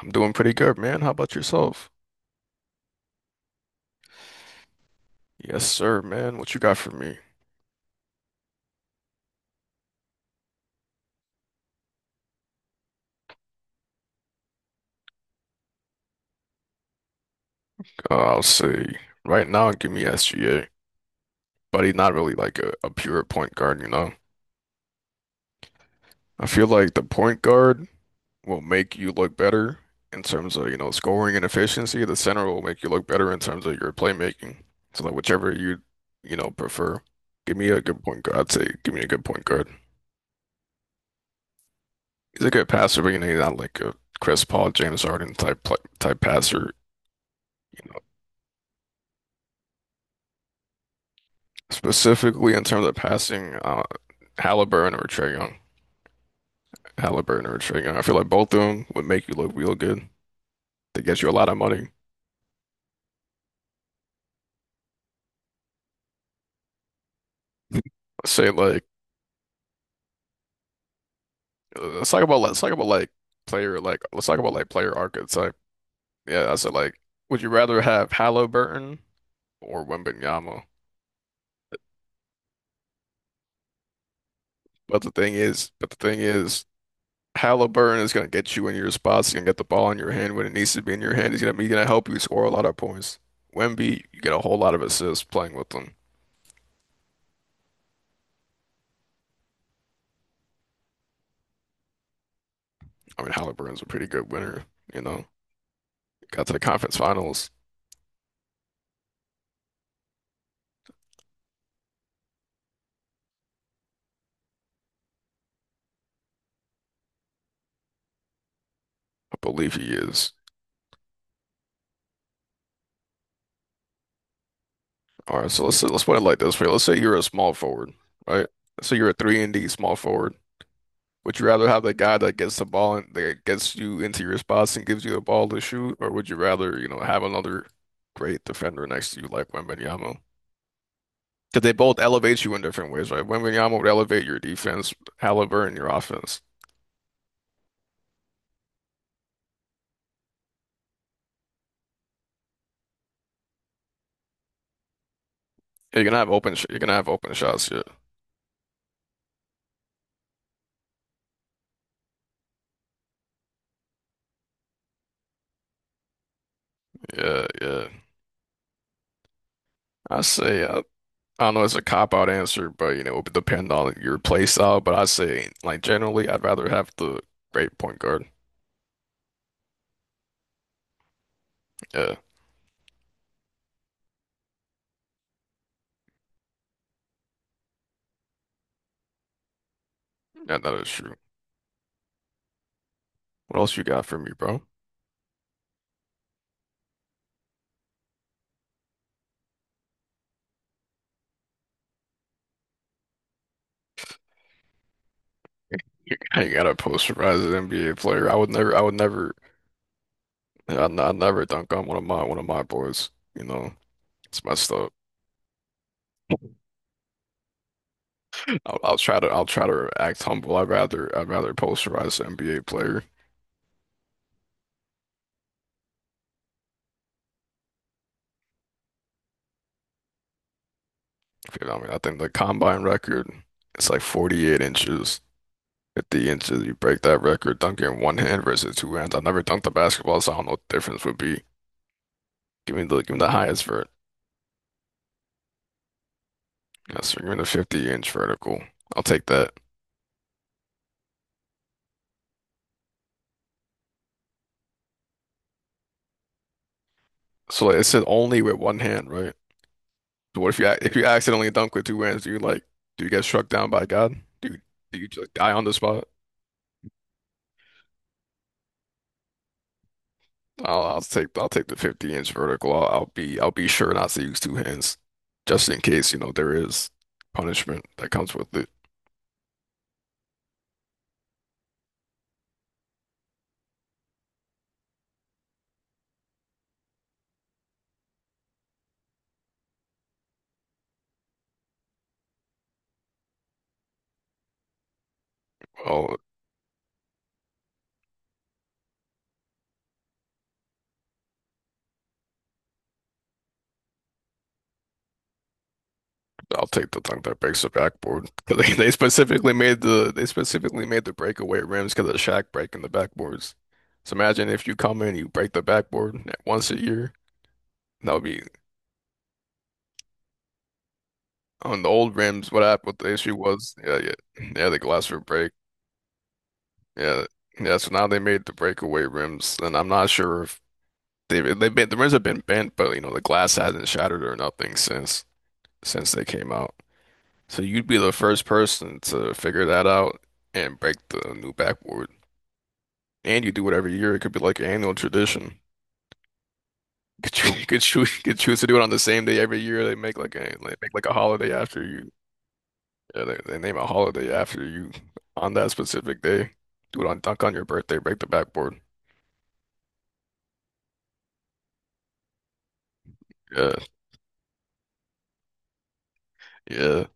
I'm doing pretty good, man. How about yourself? Yes, sir, man. What you got for me? I'll say right now, give me SGA, but he's not really like a pure point guard, you know? I feel like the point guard will make you look better in terms of, you know, scoring and efficiency. The center will make you look better in terms of your playmaking. So like whichever you prefer. Give me a good point guard. I'd say give me a good point guard. He's a good passer, but you know, he's not like a Chris Paul, James Harden type passer. Specifically in terms of passing, Halliburton or Trae Young. Halliburton or Trae Young. I feel like both of them would make you look real good. They get you a lot of money. Say like, let's talk about like player like let's talk about like player archetype. Yeah, I said like, would you rather have Halliburton or Wembanyama? But the thing is, Halliburton is gonna get you in your spots. He's gonna get the ball in your hand when it needs to be in your hand. He's gonna help you score a lot of points. Wemby, you get a whole lot of assists playing with them. I mean, Halliburton's a pretty good winner, you know. Got to the conference finals. I believe he is. All right, so let's put it like this way. Let's say you're a small forward, right? So you're a three and D small forward. Would you rather have the guy that gets the ball and that gets you into your spots and gives you the ball to shoot, or would you rather, you know, have another great defender next to you like Wembanyama? Because they both elevate you in different ways, right? Wembanyama would elevate your defense, Halliburton your offense. You're gonna have open shots. Yeah, yeah, yeah. I say I, I don't know, it's a cop out answer, but you know, it would depend on your play style. But I say, like generally, I'd rather have the great point guard. Yeah, yeah, that is true. What else you got for me, bro? You got a posterized NBA player. I never dunk on one of my boys. You know, it's messed up. I'll try to act humble. I'd rather posterize an NBA player. You know what I mean, I think the combine record, it's like 48 inches. 50 inches, you break that record dunking one hand versus two hands. I've never dunked a basketball, so I don't know what the difference would be. Give me the highest vert. Yes, sir. Give me the 50-inch vertical. I'll take that. So like, it said only with one hand, right? So what if you if you accidentally dunk with two hands? Do you like do you get struck down by God? Do you, do you just die on the spot? I'll take the 50-inch vertical. I'll be sure not to use two hands, just in case you know there is punishment that comes with it. Well, I'll take the dunk that breaks the backboard because they specifically made the they specifically made the breakaway rims because of Shaq breaking the backboards. So imagine if you come in, and you break the backboard at once a year. That would be on the old rims. What happened? What the issue was? Yeah, yeah, yeah. The glass would break. Yeah, yeah. So now they made the breakaway rims, and I'm not sure if the rims have been bent, but you know the glass hasn't shattered or nothing since they came out. So you'd be the first person to figure that out and break the new backboard. And you do it every year. It could be like an annual tradition. Could you could choose to do it on the same day every year. They make like a holiday after you. Yeah, they name a holiday after you on that specific day. Do it on dunk on your birthday. Break the backboard. Yeah, yeah.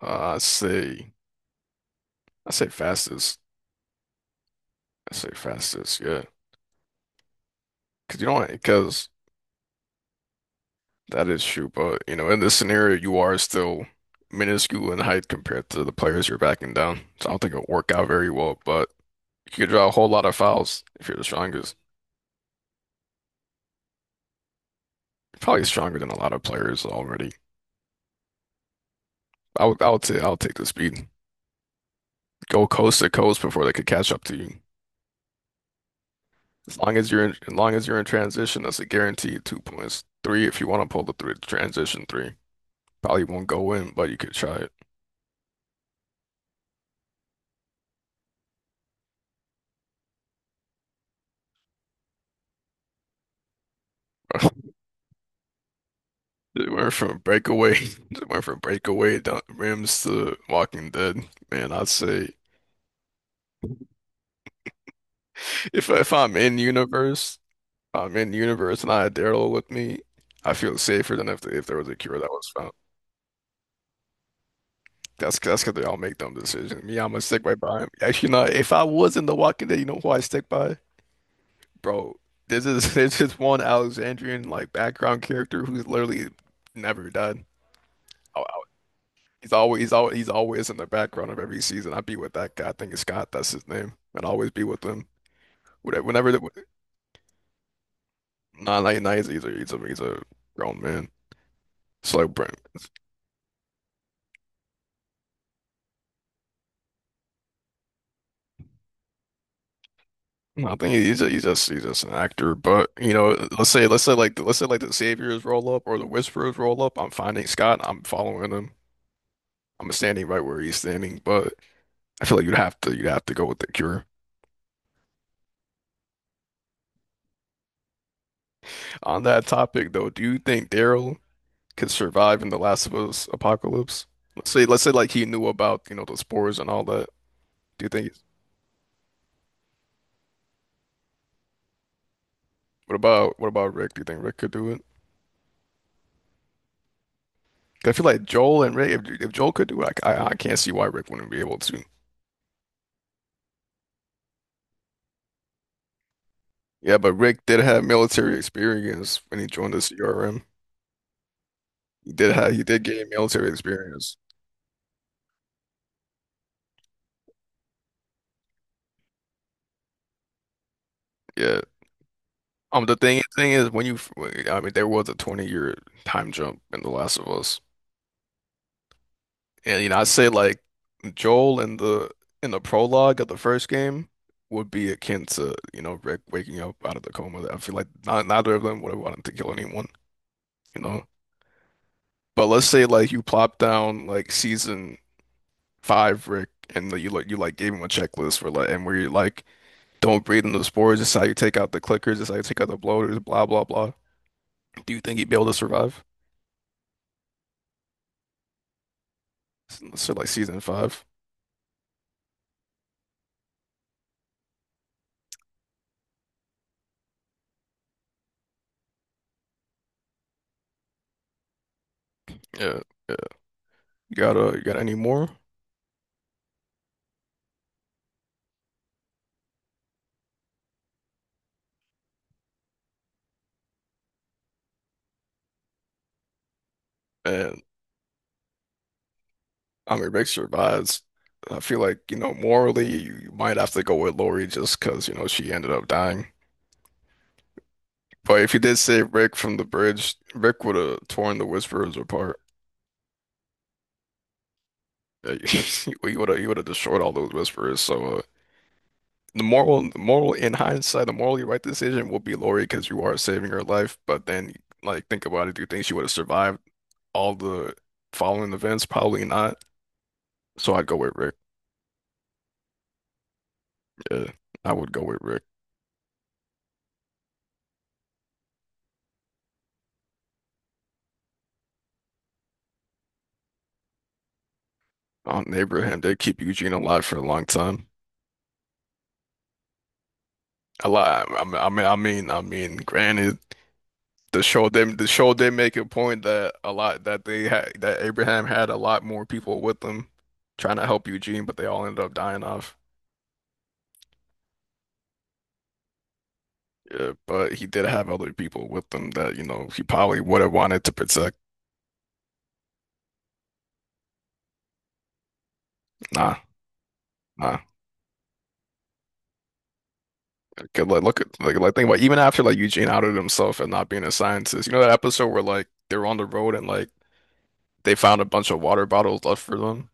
Uh, I say I say fastest. I say fastest. Yeah, because you don't because that is true. But you know, in this scenario, you are still minuscule in height compared to the players you're backing down. So I don't think it'll work out very well. But you could draw a whole lot of fouls if you're the strongest. Probably stronger than a lot of players already. I would say, I'll take the speed. Go coast to coast before they could catch up to you. As long as you're in transition, that's a guaranteed 2 points. Three, if you want to pull the three, transition three, probably won't go in, but you could try it. It went from breakaway, it went from breakaway down rims to Walking Dead. Man, I'd say if I'm in universe, I'm in universe and I had Daryl with me. I feel safer than if there was a cure that was found. That's because they all make dumb decisions. Me, I'm gonna stick right by him. Actually, not. If I was in The Walking Dead, you know who I stick by? Bro, this is there's this is one Alexandrian like background character who's literally never died. Oh, He's always in the background of every season. I'd be with that guy. I think it's Scott. That's his name. I'd always be with him. Whenever the, nah, nah, nah, he's a grown man. So like, bro, well, I think he's just an actor, but you know, let's say like the Saviors roll up or the Whisperers roll up. I'm finding Scott. I'm following him. I'm standing right where he's standing, but I feel like you'd have to go with the Cure. On that topic, though, do you think Daryl could survive in the Last of Us apocalypse? Let's say like he knew about you know the spores and all that. Do you think? What about Rick? Do you think Rick could do it? 'Cause I feel like Joel and Rick. If Joel could do it, I can't see why Rick wouldn't be able to. Yeah, but Rick did have military experience when he joined the CRM. He did gain military experience. Yeah. The thing is when you, I mean there was a 20-year time jump in The Last of Us. And you know, I'd say like Joel in the prologue of the first game would be akin to, you know, Rick waking up out of the coma. I feel like not, neither of them would have wanted to kill anyone, you know. But let's say like you plop down like season five Rick and like, you gave him a checklist for like and where you like, don't breathe in the spores. This is how you take out the clickers. This is how you take out the bloaters. Blah blah blah. Do you think he'd be able to survive? So like season five. Yeah, yeah. You got any more? And I mean, Rick survives. I feel like you know morally you might have to go with Lori just because you know she ended up dying. But if you did save Rick from the bridge, Rick would have torn the Whisperers apart. He would have destroyed all those Whisperers. So the moral in hindsight, the morally right decision will be Lori because you are saving her life. But then, like, think about it. Do you think she would have survived all the following events? Probably not. So I'd go with Rick. Yeah, I would go with Rick. On Abraham, they keep Eugene alive for a long time. A lot. Granted, the show did make a point that a lot that they had that Abraham had a lot more people with them trying to help Eugene, but they all ended up dying off. Yeah, but he did have other people with him that, you know, he probably would have wanted to protect. Nah, nah. 'Cause, like, look at, think about even after, like, Eugene outed himself and not being a scientist. You know that episode where, like, they were on the road and, like, they found a bunch of water bottles left for them?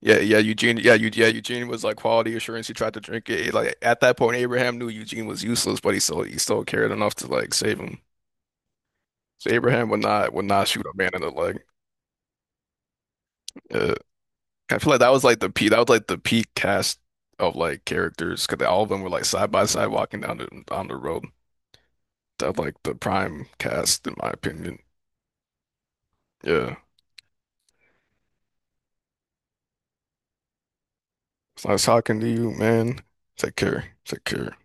Yeah, Eugene was, like, quality assurance. He tried to drink it. Like, at that point, Abraham knew Eugene was useless, but he still cared enough to, like, save him. So Abraham would not shoot a man in the leg. Yeah. I feel like that was like the peak. That was like the peak cast of like characters because all of them were like side by side walking down the on the road. That was, like the prime cast in my opinion. Yeah. So I was talking to you, man. Take care. Take care.